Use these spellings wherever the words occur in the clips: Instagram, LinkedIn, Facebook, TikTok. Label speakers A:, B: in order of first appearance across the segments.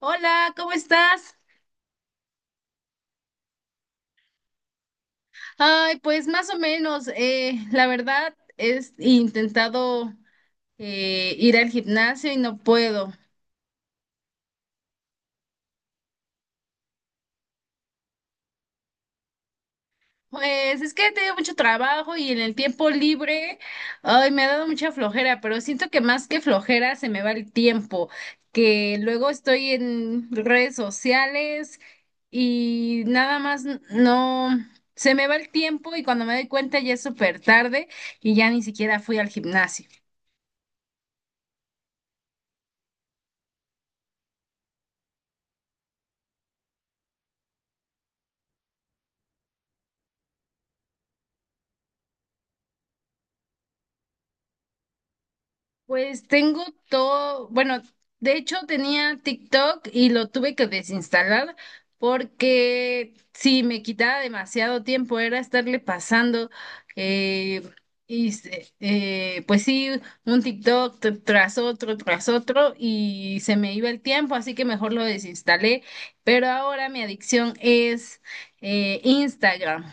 A: Hola, ¿cómo estás? Ay, pues más o menos, la verdad es intentado ir al gimnasio y no puedo. Pues es que he tenido mucho trabajo y en el tiempo libre, ay, me ha dado mucha flojera, pero siento que más que flojera se me va el tiempo, que luego estoy en redes sociales y nada más no, se me va el tiempo y cuando me doy cuenta ya es súper tarde y ya ni siquiera fui al gimnasio. Pues tengo todo, bueno, de hecho tenía TikTok y lo tuve que desinstalar porque sí, me quitaba demasiado tiempo, era estarle pasando, eh, pues sí, un TikTok tras otro, y se me iba el tiempo, así que mejor lo desinstalé, pero ahora mi adicción es Instagram.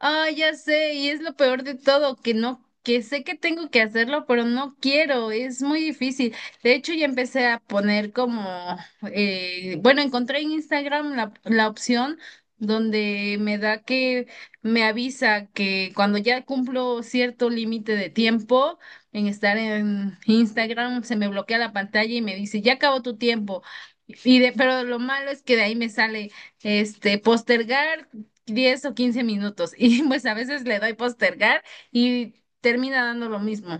A: Ah, ya sé, y es lo peor de todo, que no, que sé que tengo que hacerlo, pero no quiero, es muy difícil. De hecho, ya empecé a poner como, bueno, encontré en Instagram la opción donde me da que me avisa que cuando ya cumplo cierto límite de tiempo en estar en Instagram, se me bloquea la pantalla y me dice, ya acabó tu tiempo. Y de, pero lo malo es que de ahí me sale este postergar 10 o 15 minutos y pues a veces le doy postergar y termina dando lo mismo.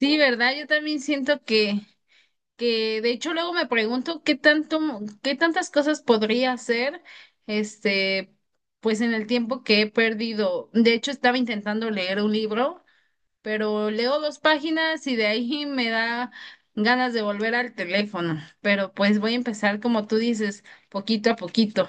A: Sí, ¿verdad? Yo también siento que de hecho luego me pregunto qué tanto, qué tantas cosas podría hacer, este, pues en el tiempo que he perdido. De hecho, estaba intentando leer un libro, pero leo dos páginas y de ahí me da ganas de volver al teléfono. Pero pues voy a empezar, como tú dices, poquito a poquito.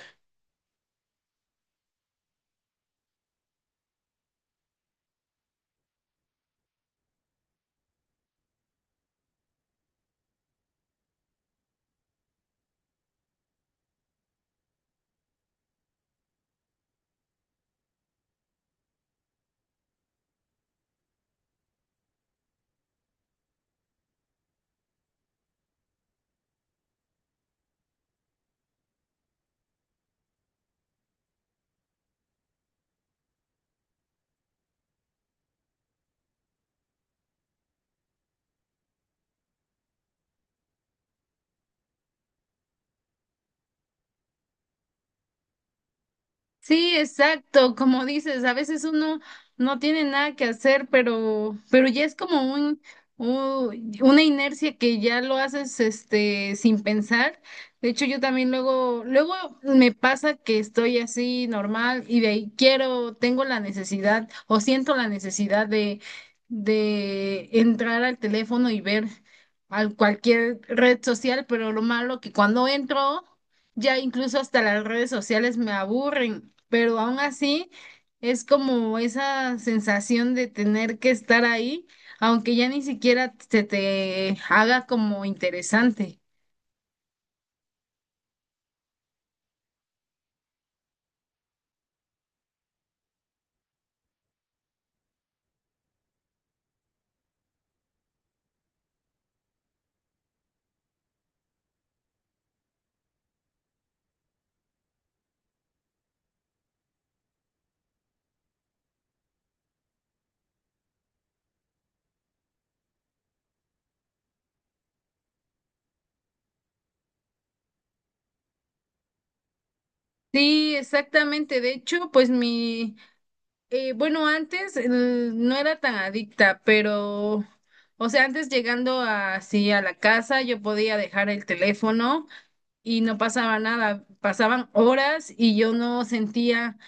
A: Sí, exacto, como dices, a veces uno no tiene nada que hacer, pero ya es como una inercia que ya lo haces este sin pensar. De hecho, yo también luego me pasa que estoy así normal y de ahí quiero, tengo la necesidad o siento la necesidad de entrar al teléfono y ver al cualquier red social, pero lo malo que cuando entro ya incluso hasta las redes sociales me aburren, pero aún así es como esa sensación de tener que estar ahí, aunque ya ni siquiera se te haga como interesante. Sí, exactamente. De hecho, pues mi, bueno, antes no era tan adicta, pero, o sea, antes llegando así a la casa, yo podía dejar el teléfono y no pasaba nada, pasaban horas y yo no sentía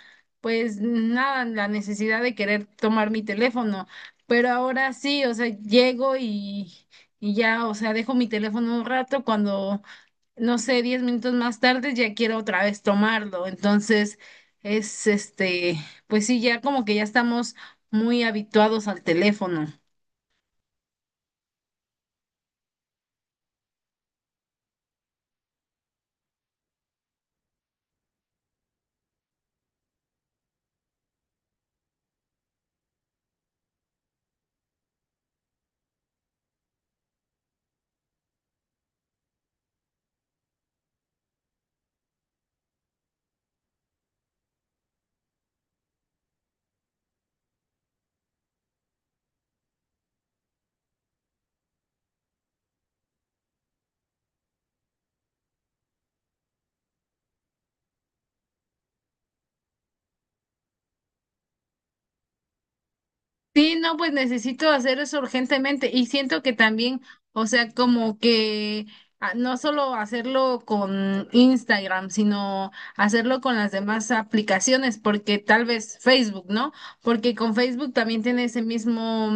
A: pues nada, la necesidad de querer tomar mi teléfono, pero ahora sí, o sea, llego y ya, o sea, dejo mi teléfono un rato cuando, no sé, 10 minutos más tarde ya quiero otra vez tomarlo, entonces es pues sí, ya como que ya estamos muy habituados al teléfono. Sí, no, pues necesito hacer eso urgentemente y siento que también, o sea, como que ah, no solo hacerlo con Instagram, sino hacerlo con las demás aplicaciones, porque tal vez Facebook, ¿no? Porque con Facebook también tiene ese mismo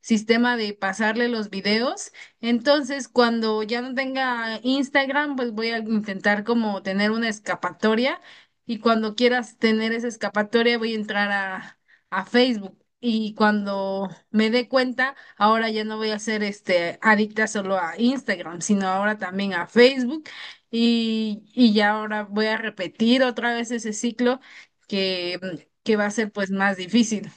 A: sistema de pasarle los videos. Entonces, cuando ya no tenga Instagram, pues voy a intentar como tener una escapatoria y cuando quieras tener esa escapatoria voy a entrar a Facebook. Y cuando me dé cuenta, ahora ya no voy a ser este adicta solo a Instagram, sino ahora también a Facebook. Y ya ahora voy a repetir otra vez ese ciclo que, que va a ser pues más difícil.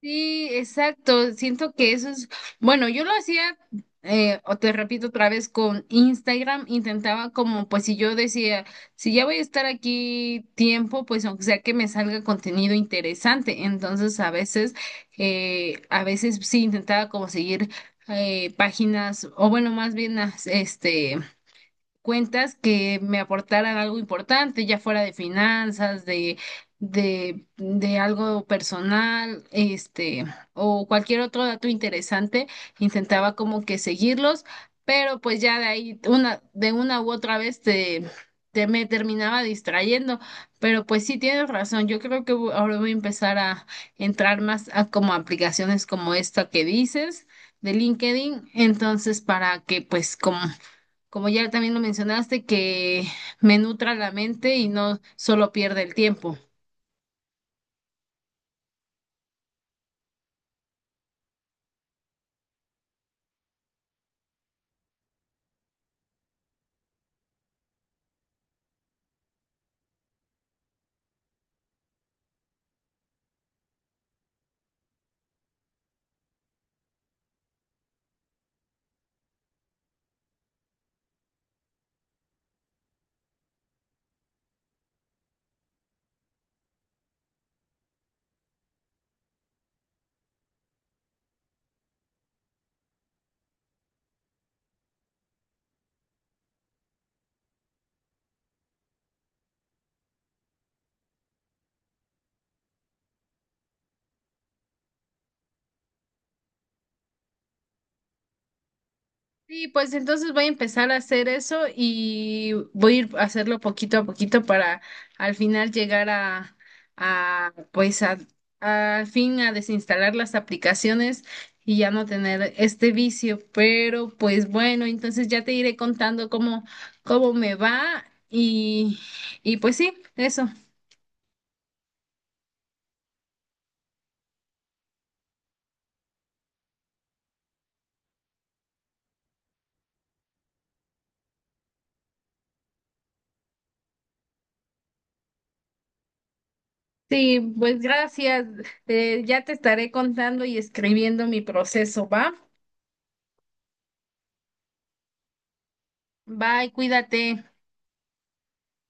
A: Sí, exacto. Siento que eso es, bueno, yo lo hacía, o te repito otra vez, con Instagram, intentaba como, pues si yo decía, si ya voy a estar aquí tiempo, pues aunque sea que me salga contenido interesante. Entonces, a veces sí intentaba como seguir páginas, o bueno, más bien, este cuentas que me aportaran algo importante, ya fuera de finanzas, de algo personal, o cualquier otro dato interesante, intentaba como que seguirlos, pero pues ya de ahí, de una u otra vez te me terminaba distrayendo, pero pues sí tienes razón, yo creo que ahora voy a empezar a entrar más a como aplicaciones como esta que dices de LinkedIn, entonces para que pues como ya también lo mencionaste, que me nutra la mente y no solo pierde el tiempo. Sí, pues entonces voy a empezar a hacer eso y voy a ir a hacerlo poquito a poquito para al final llegar a, a pues a- al fin a desinstalar las aplicaciones y ya no tener este vicio. Pero pues bueno, entonces ya te iré contando cómo, cómo me va y, y pues sí, eso. Sí, pues gracias. Ya te estaré contando y escribiendo mi proceso, ¿va? Bye, cuídate.